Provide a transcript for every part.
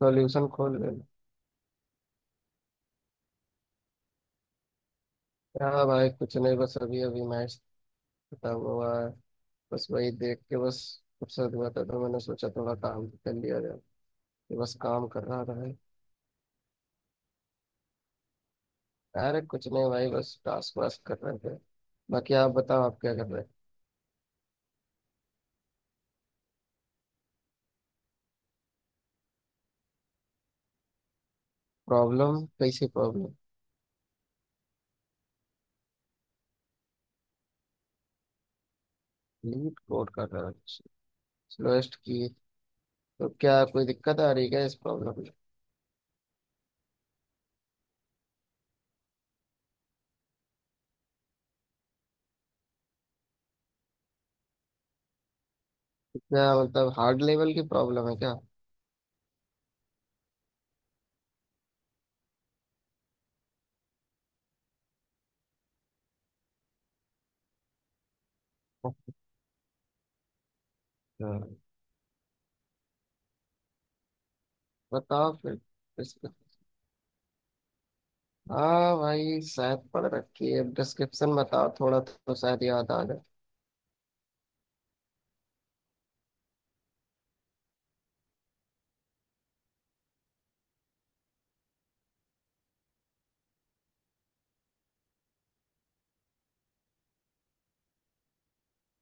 Solution खोल लेना। हाँ भाई, कुछ नहीं, बस अभी अभी मैच खत्म हुआ है। बस वही देख के, बस फुर्सत हुआ था तो मैंने सोचा थोड़ा काम कर लिया जाए, तो बस काम कर रहा था भाई। अरे कुछ नहीं भाई, बस टास्क वास्क कर रहे थे। बाकी आप बताओ, आप क्या कर रहे हैं। प्रॉब्लम कैसी प्रॉब्लम। लीड कोड कर रहा है, स्लोएस्ट की। तो क्या कोई दिक्कत आ रही है क्या इस प्रॉब्लम में। क्या मतलब, हार्ड लेवल की प्रॉब्लम है क्या। अच्छा, बताओ फिर। हाँ भाई शायद पढ़ रखी है, डिस्क्रिप्शन बताओ थोड़ा तो शायद याद आ जाए।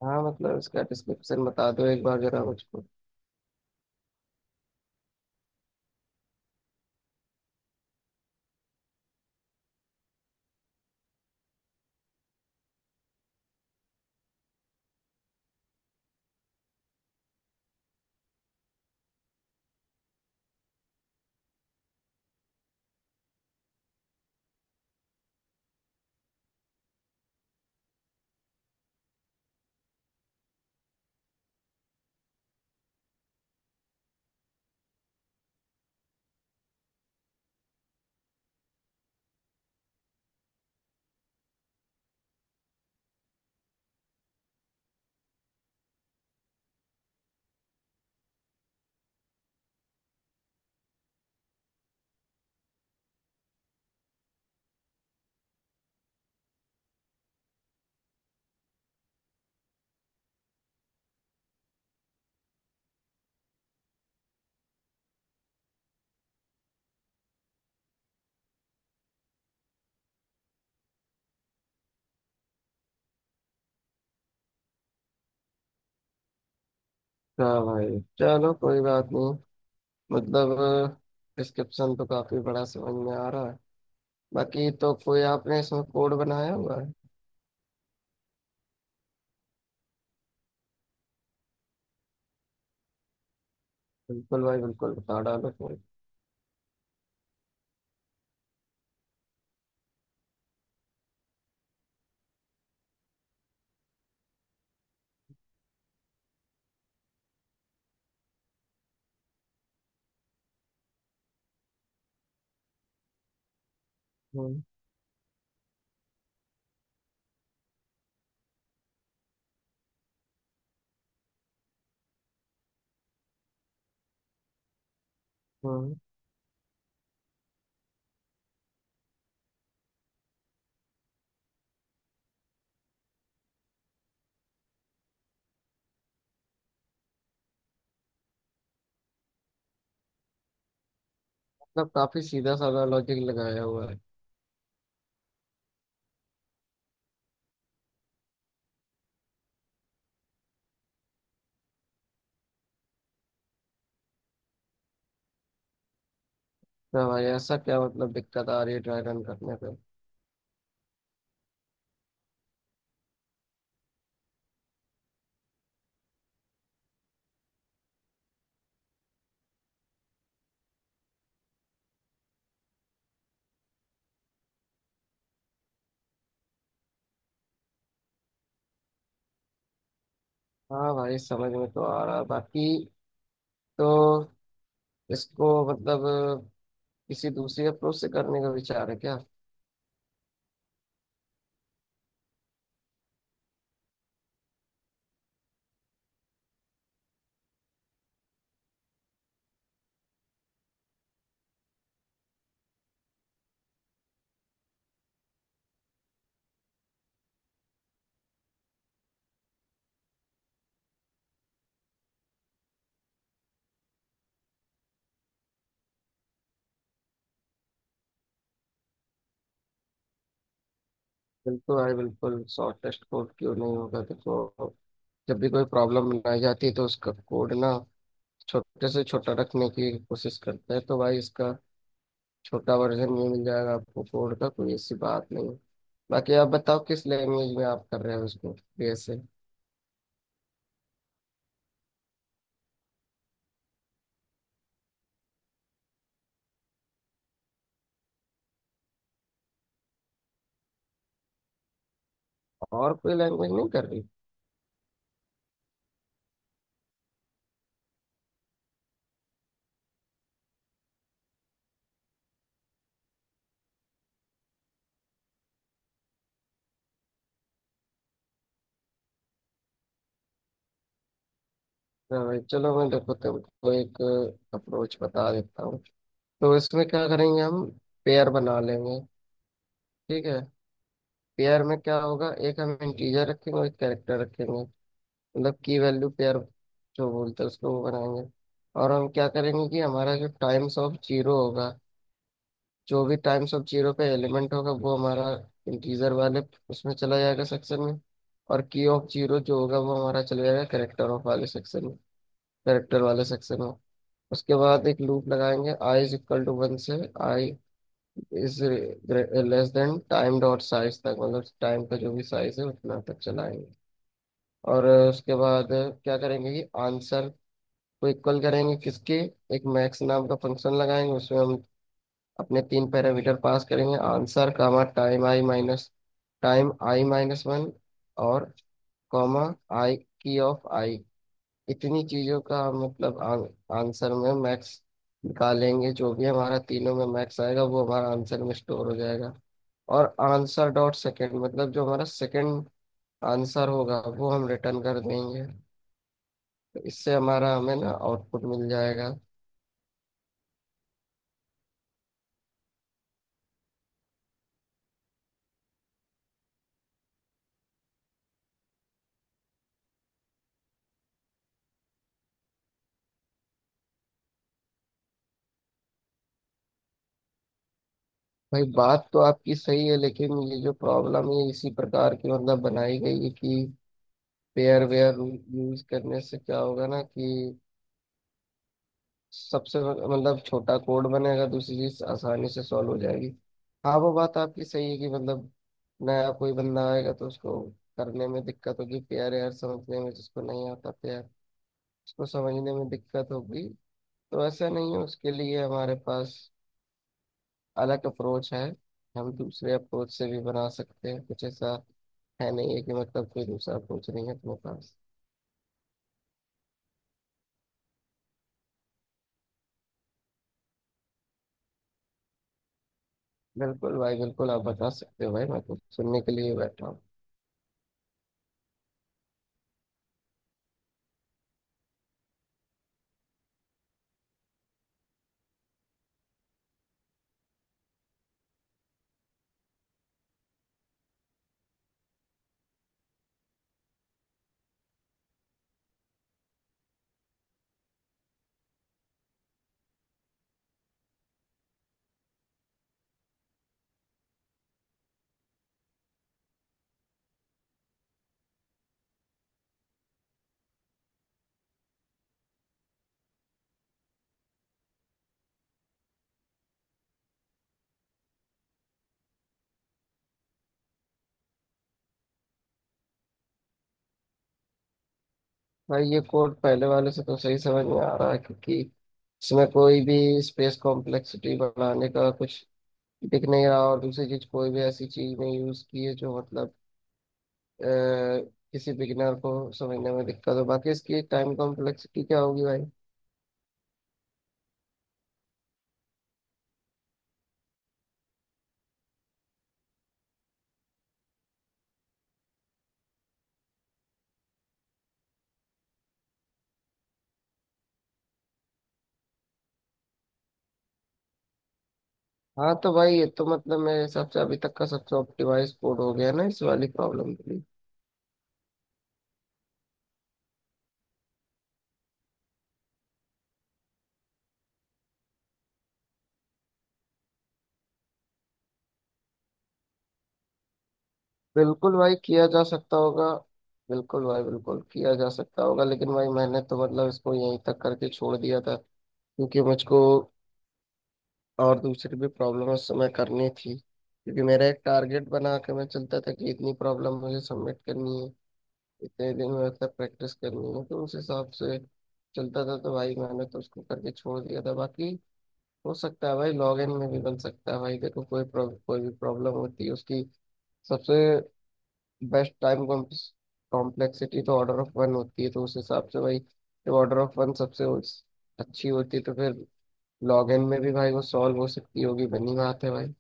हाँ मतलब इसका डिस्क्रिप्शन बता दो एक बार जरा मुझको। हाँ भाई चलो कोई बात नहीं। मतलब, डिस्क्रिप्शन तो काफी बड़ा समझ में आ रहा है। बाकी तो कोई आपने इसमें कोड बनाया हुआ है। बिल्कुल भाई बिल्कुल, बता डालो कोड। हम्म। हम्म। मतलब काफी सीधा साधा लॉजिक लगाया हुआ है। हाँ भाई, ऐसा क्या मतलब दिक्कत आ रही है ड्राई रन करने पे। हाँ भाई समझ में तो आ रहा है। बाकी तो इसको मतलब किसी दूसरी अप्रोच से करने का विचार है क्या। बिल्कुल भाई बिल्कुल, शॉर्टेस्ट कोड क्यों नहीं होगा। देखो, जब भी कोई प्रॉब्लम बनाई जाती है तो उसका कोड ना छोटे से छोटा रखने की कोशिश करते हैं, तो भाई इसका छोटा वर्जन ये मिल जाएगा आपको कोड का, कोई ऐसी बात नहीं है। बाकी आप बताओ किस लैंग्वेज में आप कर रहे हो उसको, बीएसए। और कोई लैंग्वेज नहीं कर रही। हाँ भाई चलो, मैं देखो तुमको एक अप्रोच बता देता हूँ। तो इसमें क्या करेंगे हम, पेयर बना लेंगे। ठीक है, पेयर में क्या होगा, एक हम इंटीजर रखेंगे और एक कैरेक्टर रखेंगे। मतलब की वैल्यू पेयर जो बोलते हैं उसको, वो बनाएंगे। और हम क्या करेंगे कि हमारा जो टाइम्स ऑफ जीरो होगा, जो भी टाइम्स ऑफ जीरो पे एलिमेंट होगा वो हमारा इंटीजर वाले उसमें चला जाएगा सेक्शन में। और की ऑफ जीरो जो होगा वो हमारा चला जाएगा कैरेक्टर ऑफ वाले सेक्शन में, कैरेक्टर वाले सेक्शन में। उसके बाद एक लूप लगाएंगे, I is equal to one से I is less than time dot size तक, मतलब टाइम का जो भी साइज है उतना तक चलाएंगे। और उसके बाद क्या करेंगे कि आंसर को इक्वल करेंगे किसके, एक मैक्स नाम का फंक्शन लगाएंगे। उसमें हम अपने तीन पैरामीटर पास करेंगे, answer comma time I minus one, और comma I key of I. इतनी चीज़ों का हम मतलब आंसर में मैक्स निकालेंगे, जो भी हमारा तीनों में मैक्स आएगा वो हमारा आंसर में स्टोर हो जाएगा। और आंसर डॉट सेकेंड मतलब जो हमारा सेकेंड आंसर होगा वो हम रिटर्न कर देंगे। इससे हमारा, हमें ना आउटपुट मिल जाएगा। भाई बात तो आपकी सही है, लेकिन ये जो प्रॉब्लम है इसी प्रकार की मतलब बनाई गई है कि पेयर वेयर यूज करने से क्या होगा ना, कि सबसे मतलब छोटा कोड बनेगा, दूसरी चीज आसानी से सॉल्व हो जाएगी। हाँ वो बात आपकी सही है कि मतलब नया कोई बंदा आएगा तो उसको करने में दिक्कत होगी, पेयर वेयर समझने में, जिसको नहीं आता पेयर उसको समझने में दिक्कत होगी। तो ऐसा नहीं है, उसके लिए हमारे पास अलग अप्रोच है। हम दूसरे अप्रोच से भी बना सकते हैं कुछ ऐसा, है नहीं है कि मतलब कोई दूसरा अप्रोच नहीं है तुम्हारे पास। बिल्कुल भाई बिल्कुल, आप बता सकते हो भाई, मैं तो सुनने के लिए बैठा हूँ। भाई ये कोड पहले वाले से तो सही समझ में आ रहा है, क्योंकि इसमें कोई भी स्पेस कॉम्प्लेक्सिटी बढ़ाने का कुछ दिख नहीं रहा। और दूसरी चीज, कोई भी ऐसी चीज नहीं यूज की है जो मतलब अ, किसी बिगिनर को समझने में दिक्कत हो। बाकी इसकी टाइम कॉम्प्लेक्सिटी क्या होगी भाई। हाँ तो भाई ये तो मतलब मेरे हिसाब से अभी तक का सबसे ऑप्टिमाइज कोड हो गया ना इस वाली प्रॉब्लम के लिए। बिल्कुल भाई किया जा सकता होगा। बिल्कुल भाई बिल्कुल किया जा सकता होगा, लेकिन भाई मैंने तो मतलब इसको यहीं तक करके छोड़ दिया था, क्योंकि मुझको और दूसरी भी प्रॉब्लम उस समय करनी थी। क्योंकि मेरा एक टारगेट बना के मैं चलता था कि इतनी प्रॉब्लम मुझे सबमिट करनी है, इतने दिन में मतलब प्रैक्टिस करनी है। तो उस हिसाब से चलता था, तो भाई मैंने तो उसको करके छोड़ दिया था। बाकी हो सकता है भाई लॉग इन में भी बन सकता है। भाई देखो, कोई भी प्रॉब्लम होती है उसकी सबसे बेस्ट टाइम कॉम्प्लेक्सिटी तो ऑर्डर ऑफ वन होती है। तो उस हिसाब से भाई, जब ऑर्डर ऑफ वन सबसे अच्छी होती है, तो फिर लॉग इन में भी भाई वो सॉल्व हो सकती होगी, बनी बात है भाई।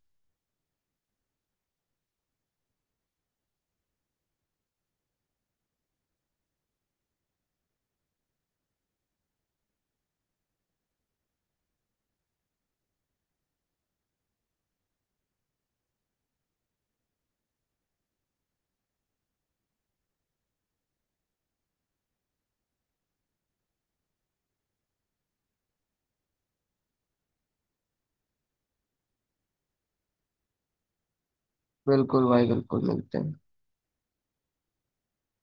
बिल्कुल भाई बिल्कुल, मिलते हैं।